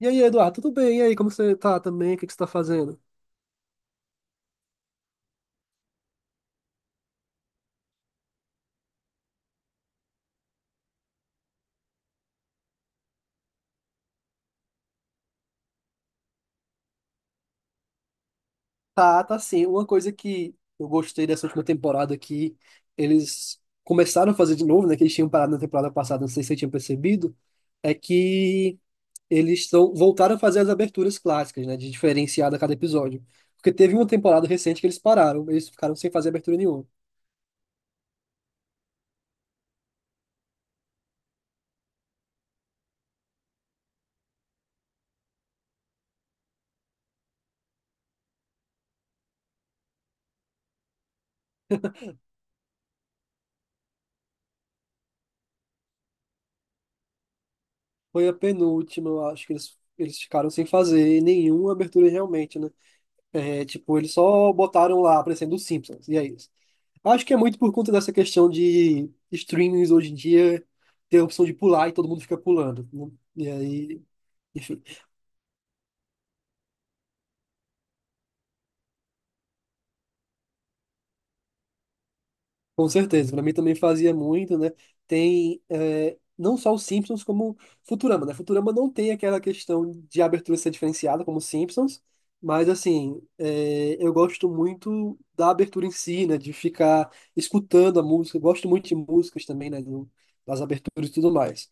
E aí, Eduardo, tudo bem? E aí, como você tá também? O que que você tá fazendo? Tá sim. Uma coisa que eu gostei dessa última temporada que eles começaram a fazer de novo, né? Que eles tinham parado na temporada passada, não sei se você tinha percebido, é que eles estão voltaram a fazer as aberturas clássicas, né? De diferenciar a cada episódio. Porque teve uma temporada recente que eles pararam, eles ficaram sem fazer abertura nenhuma. Foi a penúltima, eu acho que eles ficaram sem fazer nenhuma abertura realmente, né? É, tipo, eles só botaram lá aparecendo os Simpsons, e é isso. Acho que é muito por conta dessa questão de streamings hoje em dia ter a opção de pular e todo mundo fica pulando, né? E aí, enfim. Com certeza, pra mim também fazia muito, né? Tem é, não só os Simpsons, como Futurama, né? Futurama não tem aquela questão de abertura ser diferenciada como os Simpsons, mas assim, é, eu gosto muito da abertura em si, né? De ficar escutando a música, eu gosto muito de músicas também, né? Das aberturas e tudo mais.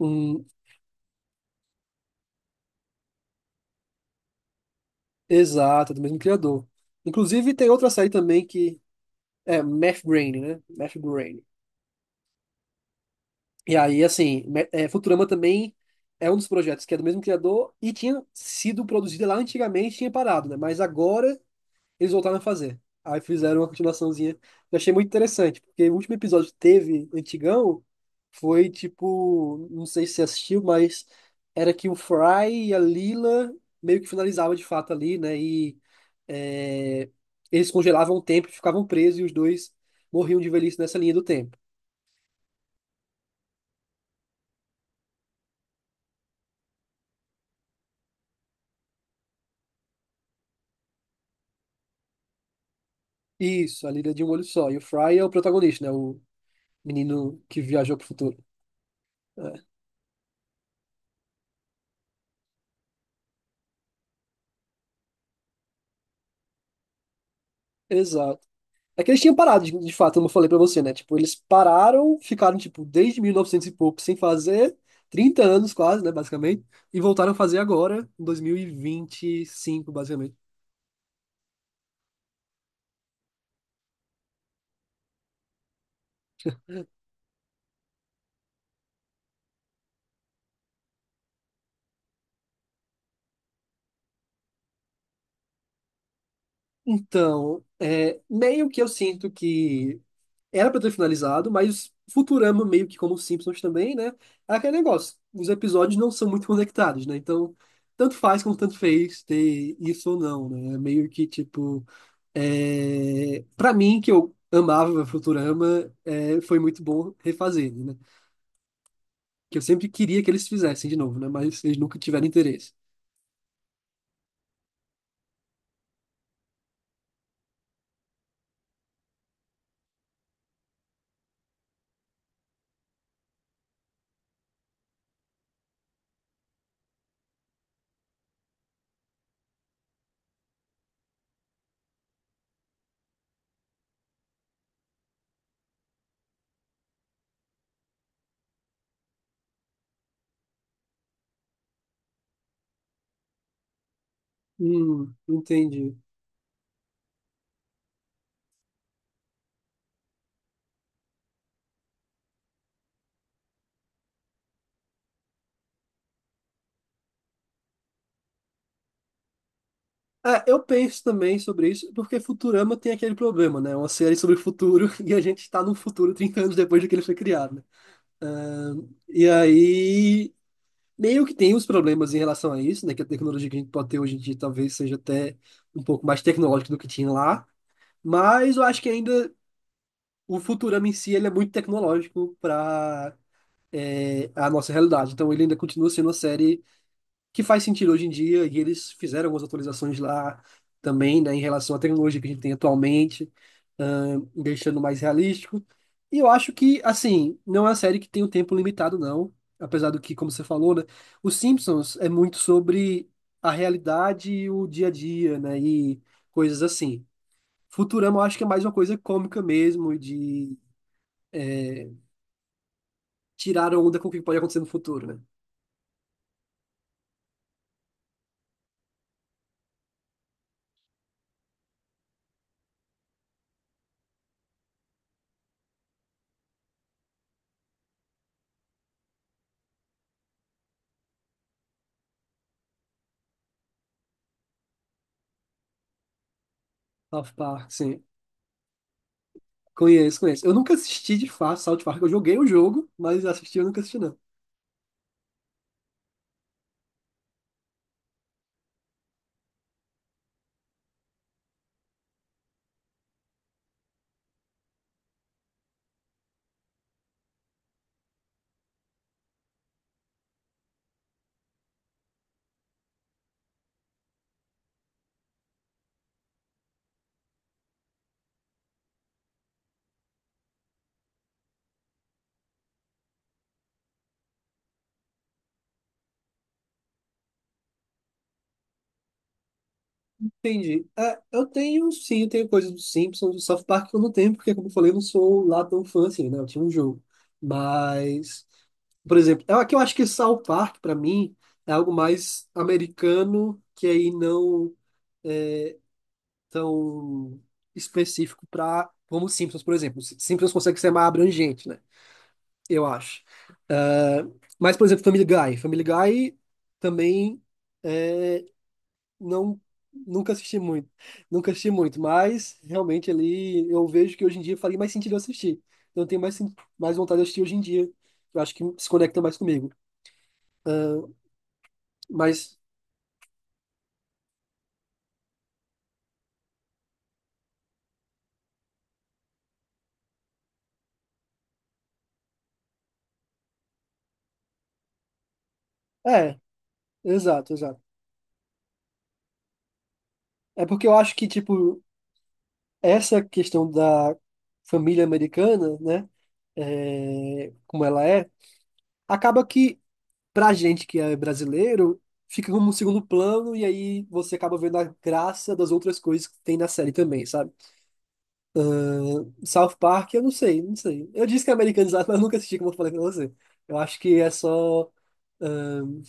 Hum, exato, do mesmo criador. Inclusive, tem outra série também que é Math Brain, né? Math Brain. E aí, assim, Futurama também é um dos projetos que é do mesmo criador e tinha sido produzida lá antigamente, tinha parado, né? Mas agora eles voltaram a fazer. Aí fizeram uma continuaçãozinha. Eu achei muito interessante, porque o último episódio que teve, antigão, foi tipo, não sei se você assistiu, mas era que o Fry e a Lila meio que finalizavam de fato ali, né? E é, eles congelavam o tempo, e ficavam presos e os dois morriam de velhice nessa linha do tempo. Isso, a Líder de um Olho Só. E o Fry é o protagonista, né? O menino que viajou pro futuro. É, exato. É que eles tinham parado, de fato, como eu falei pra você, né? Tipo, eles pararam, ficaram, tipo, desde 1900 e novecentos e pouco sem fazer, 30 anos quase, né, basicamente, e voltaram a fazer agora, em 2025 basicamente. Então, é, meio que eu sinto que era pra ter finalizado, mas Futurama, meio que como os Simpsons também, né? É aquele negócio. Os episódios não são muito conectados, né? Então, tanto faz como tanto fez ter isso ou não, né? É meio que, tipo... É... Pra mim, que eu amava Futurama, é, foi muito bom refazer, né? Que eu sempre queria que eles fizessem de novo, né? Mas eles nunca tiveram interesse. Entendi. É, eu penso também sobre isso, porque Futurama tem aquele problema, né? É uma série sobre o futuro e a gente está no futuro 30 anos depois de que ele foi criado, né? E aí, meio que tem uns problemas em relação a isso, né? Que a tecnologia que a gente pode ter hoje em dia talvez seja até um pouco mais tecnológica do que tinha lá, mas eu acho que ainda o Futurama em si ele é muito tecnológico para a nossa realidade, então ele ainda continua sendo uma série que faz sentido hoje em dia, e eles fizeram algumas atualizações lá também, né, em relação à tecnologia que a gente tem atualmente, deixando mais realístico. E eu acho que, assim, não é uma série que tem um tempo limitado, não. Apesar do que, como você falou, né, os Simpsons é muito sobre a realidade e o dia a dia, né, e coisas assim. Futurama eu acho que é mais uma coisa cômica mesmo, de tirar onda com o que pode acontecer no futuro, né? South Park, sim. Conheço, conheço. Eu nunca assisti de fato South Park. Eu joguei o jogo, mas assisti eu nunca assisti, não. Entendi. É, eu tenho, sim, eu tenho coisas do Simpsons, do South Park que eu não tenho, porque, como eu falei, eu não sou lá tão fã assim, né? Eu tinha um jogo. Mas, por exemplo, é que eu acho que South Park, pra mim, é algo mais americano, que aí não tão específico pra, como Simpsons, por exemplo. Simpsons consegue ser mais abrangente, né? Eu acho. É, mas, por exemplo, Family Guy. Family Guy também. É não, nunca assisti muito. Nunca assisti muito, mas realmente ali eu vejo que hoje em dia faria mais sentido eu assistir. Eu tenho mais, mais vontade de assistir hoje em dia. Eu acho que se conecta mais comigo. Mas, é, exato. É porque eu acho que, tipo, essa questão da família americana, né, como ela é, acaba que, pra gente que é brasileiro, fica como um segundo plano e aí você acaba vendo a graça das outras coisas que tem na série também, sabe? South Park, eu não sei, não sei. Eu disse que é americanizado, mas eu nunca assisti, como eu falei pra você. Eu acho que é só ahn,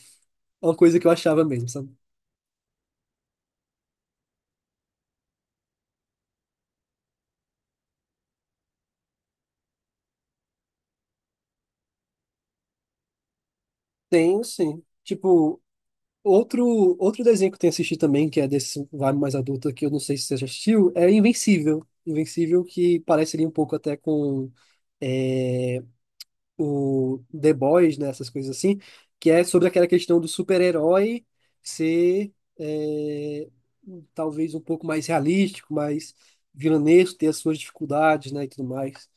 uma coisa que eu achava mesmo, sabe? Tenho, sim. Tipo, outro desenho que eu tenho assistido também, que é desse vibe mais adulto, que eu não sei se você já assistiu, é Invencível. Invencível, que parece ali um pouco até com eh, o The Boys, né, essas coisas assim, que é sobre aquela questão do super-herói ser é, talvez um pouco mais realístico, mais vilanesco, ter as suas dificuldades, né, e tudo mais.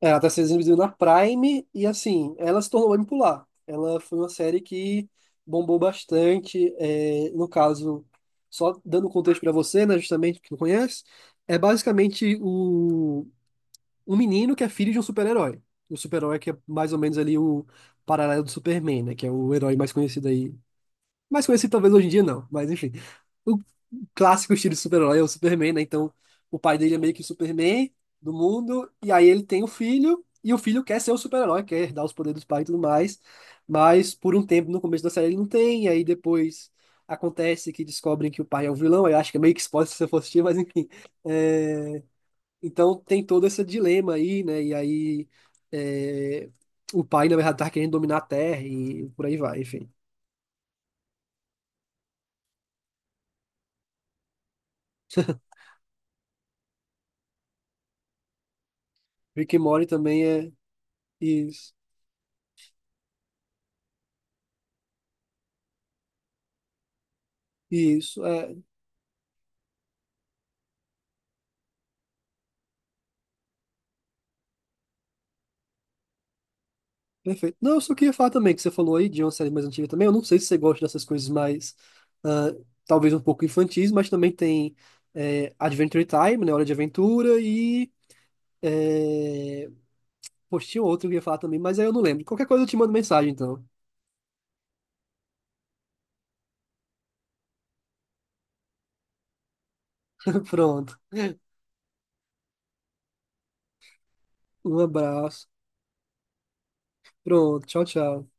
É, ela tá sendo exibida na Prime e, assim, ela se tornou bem popular. Ela foi uma série que bombou bastante, é, no caso, só dando contexto para você, né, justamente, que não conhece, é basicamente o um menino que é filho de um super-herói. O super-herói que é mais ou menos ali o paralelo do Superman, né? Que é o herói mais conhecido aí. Mais conhecido talvez hoje em dia não, mas enfim. O clássico estilo de super-herói é o Superman, né? Então o pai dele é meio que o Superman do mundo, e aí ele tem o filho, e o filho quer ser o super-herói, quer herdar os poderes dos pais e tudo mais, mas por um tempo no começo da série ele não tem, e aí depois acontece que descobrem que o pai é um vilão, eu acho que é meio que spoiler se você for assistir, mas enfim. É, então tem todo esse dilema aí, né? E aí é, o pai, na verdade, tá querendo dominar a Terra e por aí vai, enfim. Rick and Morty também é isso. Isso, é perfeito. Não, eu só queria falar também que você falou aí de uma série mais antiga também. Eu não sei se você gosta dessas coisas mais, ah, talvez um pouco infantis, mas também tem é, Adventure Time, né? Hora de Aventura e. É... Poxa, tinha outro que eu ia falar também, mas aí eu não lembro. Qualquer coisa eu te mando mensagem, então. Pronto. Um abraço. Pronto. Tchau, tchau.